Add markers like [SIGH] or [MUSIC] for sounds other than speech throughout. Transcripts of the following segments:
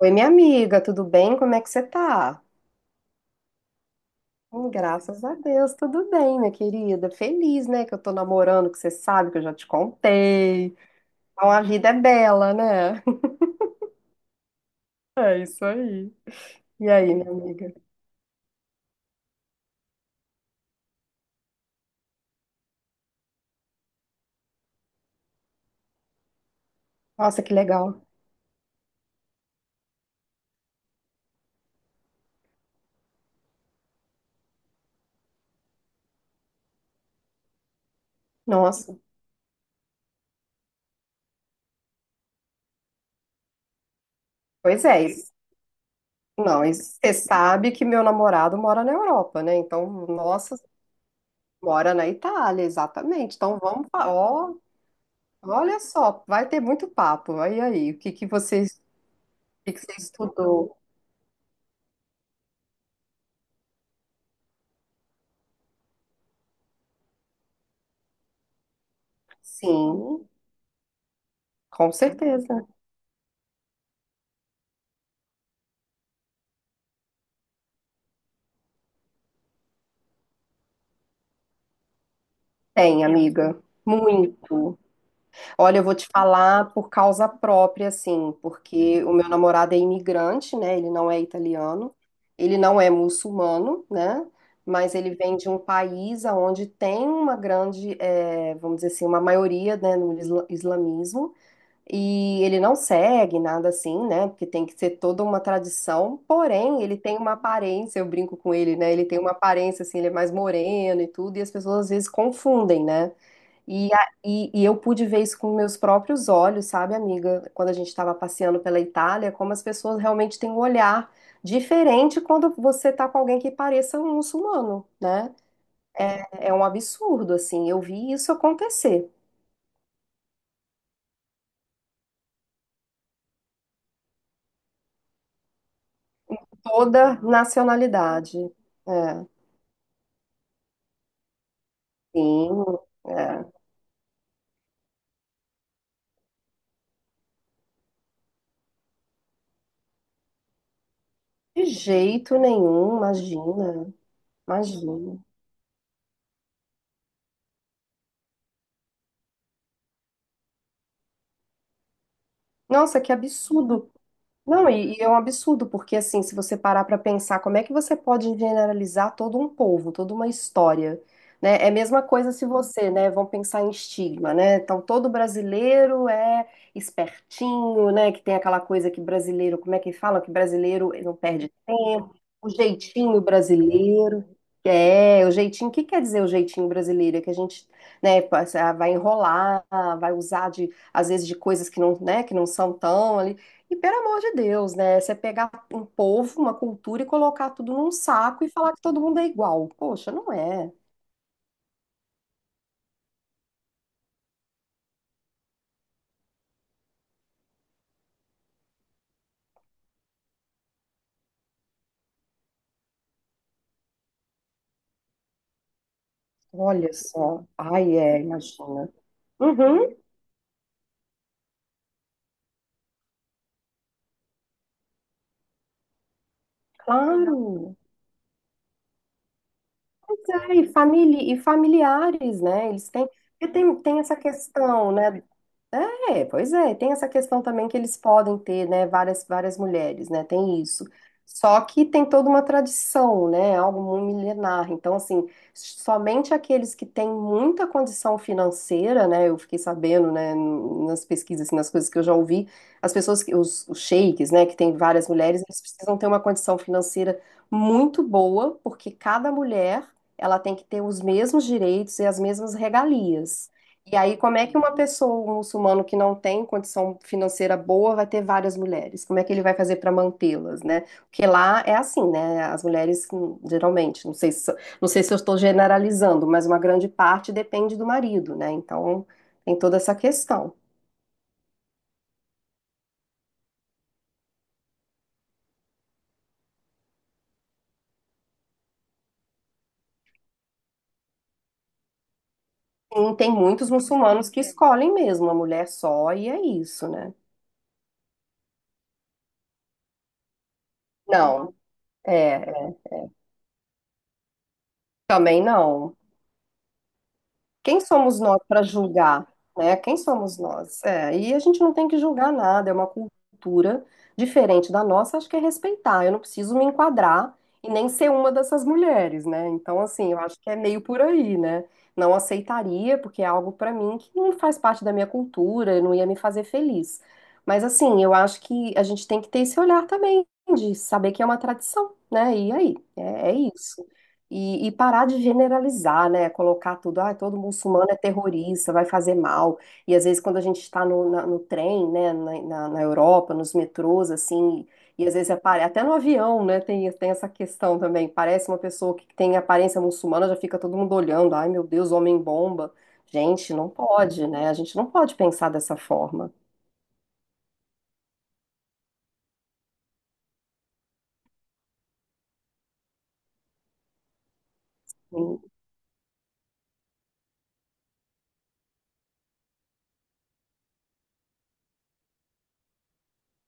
Oi, minha amiga, tudo bem? Como é que você tá? Graças a Deus, tudo bem, minha querida. Feliz, né, que eu tô namorando, que você sabe que eu já te contei. Então a vida é bela, né? [LAUGHS] É isso aí. E aí, minha amiga? Nossa, que legal. Nossa, pois é. Não, você sabe que meu namorado mora na Europa, né? Então, nossa, mora na Itália, exatamente. Então vamos, ó, olha só, vai ter muito papo. Aí, o que que você, o que que você estudou? Sim. Com certeza. Tem, amiga. Muito. Olha, eu vou te falar por causa própria, assim, porque o meu namorado é imigrante, né? Ele não é italiano, ele não é muçulmano, né? Mas ele vem de um país onde tem uma grande, vamos dizer assim, uma maioria, né, no islamismo. E ele não segue nada assim, né? Porque tem que ser toda uma tradição. Porém, ele tem uma aparência, eu brinco com ele, né? Ele tem uma aparência assim, ele é mais moreno e tudo, e as pessoas às vezes confundem, né? E eu pude ver isso com meus próprios olhos, sabe, amiga? Quando a gente estava passeando pela Itália, como as pessoas realmente têm um olhar diferente quando você tá com alguém que pareça um muçulmano, né? É um absurdo, assim. Eu vi isso acontecer. Toda nacionalidade. É. Sim, é. De jeito nenhum, imagina, imagina. Nossa, que absurdo. Não, e é um absurdo, porque assim, se você parar para pensar, como é que você pode generalizar todo um povo, toda uma história, né? É a mesma coisa se você, né, vamos pensar em estigma, né? Então, todo brasileiro é espertinho, né, que tem aquela coisa que brasileiro, como é que fala? Que brasileiro não perde tempo, o jeitinho brasileiro. É, o jeitinho, o que quer dizer o jeitinho brasileiro? É que a gente, né, vai enrolar, vai usar de, às vezes, de coisas que não, né, que não são tão ali. E pelo amor de Deus, né? Você pegar um povo, uma cultura e colocar tudo num saco e falar que todo mundo é igual. Poxa, não é. Olha só. Ai, é, imagina. Uhum, claro. Pois é, e, famili e familiares, né? Eles têm. Porque tem, tem essa questão, né? É, pois é, tem essa questão também que eles podem ter, né, várias, várias mulheres, né, tem isso. Só que tem toda uma tradição, né, algo muito milenar. Então, assim, somente aqueles que têm muita condição financeira, né, eu fiquei sabendo, né, nas pesquisas, assim, nas coisas que eu já ouvi, as pessoas, os sheiks, né, que tem várias mulheres, eles precisam ter uma condição financeira muito boa, porque cada mulher, ela tem que ter os mesmos direitos e as mesmas regalias. E aí, como é que uma pessoa, um muçulmano que não tem condição financeira boa, vai ter várias mulheres? Como é que ele vai fazer para mantê-las, né? Porque lá é assim, né? As mulheres, geralmente, não sei se, não sei se eu estou generalizando, mas uma grande parte depende do marido, né? Então, tem toda essa questão. E tem muitos muçulmanos que escolhem mesmo uma mulher só, e é isso, né? Não, é, também não. Quem somos nós para julgar, né? Quem somos nós? É, e a gente não tem que julgar nada, é uma cultura diferente da nossa, acho que é respeitar. Eu não preciso me enquadrar e nem ser uma dessas mulheres, né? Então, assim, eu acho que é meio por aí, né? Não aceitaria, porque é algo para mim que não faz parte da minha cultura, não ia me fazer feliz. Mas, assim, eu acho que a gente tem que ter esse olhar também, de saber que é uma tradição, né? E aí, é isso. E parar de generalizar, né? Colocar tudo, ah, todo muçulmano é terrorista, vai fazer mal. E às vezes quando a gente está no trem, né, na Europa, nos metrôs, assim, e às vezes até no avião, né, tem, tem essa questão também. Parece uma pessoa que tem aparência muçulmana, já fica todo mundo olhando, ai meu Deus, homem bomba. Gente, não pode, né? A gente não pode pensar dessa forma.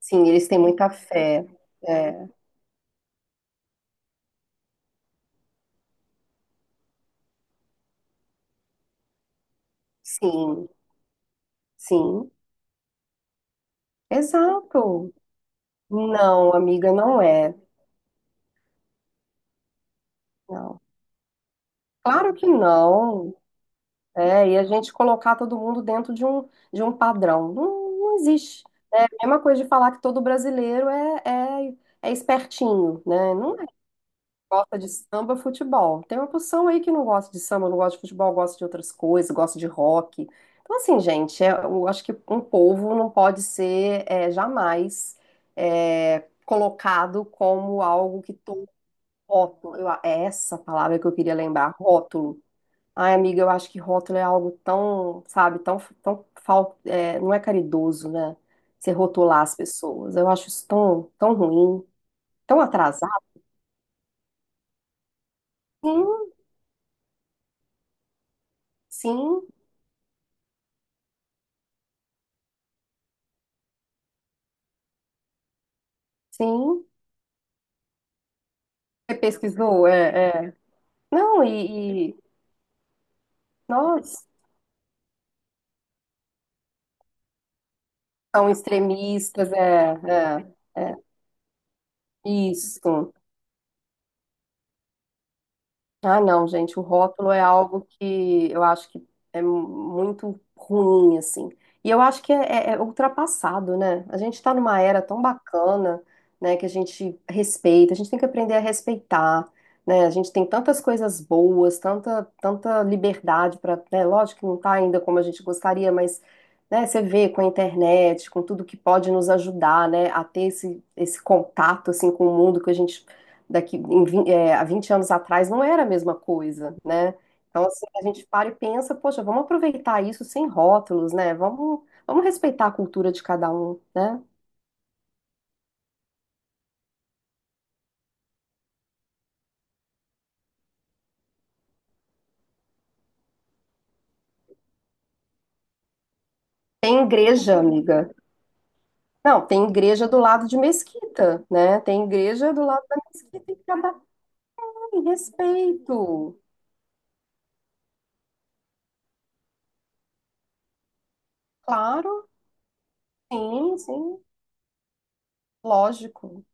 Sim, eles têm muita fé. É, sim, sim. Exato. Não, amiga, não é. Não. Claro que não. É, e a gente colocar todo mundo dentro de um padrão. Não, não existe. É a mesma coisa de falar que todo brasileiro é, é espertinho, né? Não é gosta de samba, futebol. Tem uma porção aí que não gosta de samba, não gosta de futebol, gosta de outras coisas, gosta de rock. Então, assim, gente, eu acho que um povo não pode ser jamais colocado como algo que todo rótulo. É essa palavra que eu queria lembrar, rótulo. Ai, amiga, eu acho que rótulo é algo tão, sabe, tão, tão não é caridoso, né? Você rotular as pessoas. Eu acho isso tão, tão ruim, tão atrasado. Sim, sim, sim. Você pesquisou? É, é. Não, e nós são extremistas, é, é, é. Isso. Ah, não, gente, o rótulo é algo que eu acho que é muito ruim, assim. E eu acho que é ultrapassado, né? A gente está numa era tão bacana, né, que a gente respeita, a gente tem que aprender a respeitar, né? A gente tem tantas coisas boas, tanta, tanta liberdade para, né? Lógico que não tá ainda como a gente gostaria, mas, né, você vê com a internet, com tudo que pode nos ajudar, né, a ter esse contato, assim, com o mundo que a gente daqui em, vin- é, há 20 anos atrás não era a mesma coisa, né? Então, assim, a gente para e pensa, poxa, vamos aproveitar isso sem rótulos, né? Vamos, vamos respeitar a cultura de cada um, né? Tem igreja, amiga. Não, tem igreja do lado de Mesquita, né? Tem igreja do lado da Mesquita e cada um respeito. Claro, sim, sim, lógico.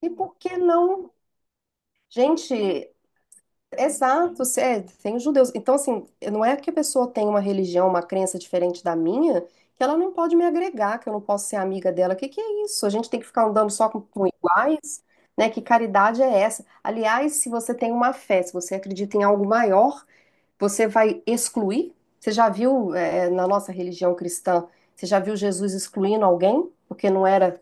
E por que não? Gente, exato, é, tem judeus. Então, assim, não é que a pessoa tem uma religião, uma crença diferente da minha, que ela não pode me agregar, que eu não posso ser amiga dela. Que é isso? A gente tem que ficar andando só com iguais, né? Que caridade é essa? Aliás, se você tem uma fé, se você acredita em algo maior, você vai excluir? Você já viu, é, na nossa religião cristã, você já viu Jesus excluindo alguém? Porque não era,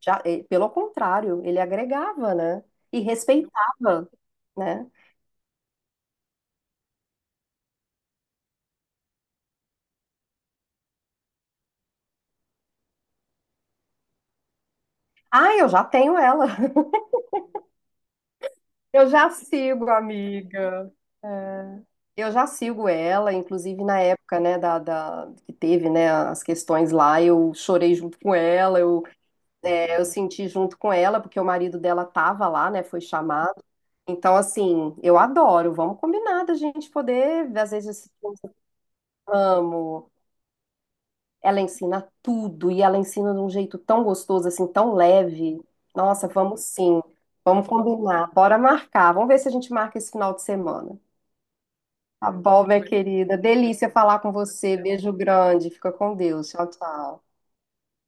já, pelo contrário, ele agregava, né? E respeitava, né? Ah, eu já tenho ela. [LAUGHS] Eu já sigo, amiga. É, eu já sigo ela, inclusive na época, né, que teve, né, as questões lá, eu chorei junto com ela, eu, é, eu senti junto com ela, porque o marido dela tava lá, né, foi chamado. Então, assim, eu adoro, vamos combinar da gente poder, às vezes, vamos. Ela ensina tudo e ela ensina de um jeito tão gostoso, assim, tão leve. Nossa, vamos sim. Vamos combinar. Bora marcar. Vamos ver se a gente marca esse final de semana. Tá bom, minha querida. Delícia falar com você. Beijo grande. Fica com Deus. Tchau, tchau.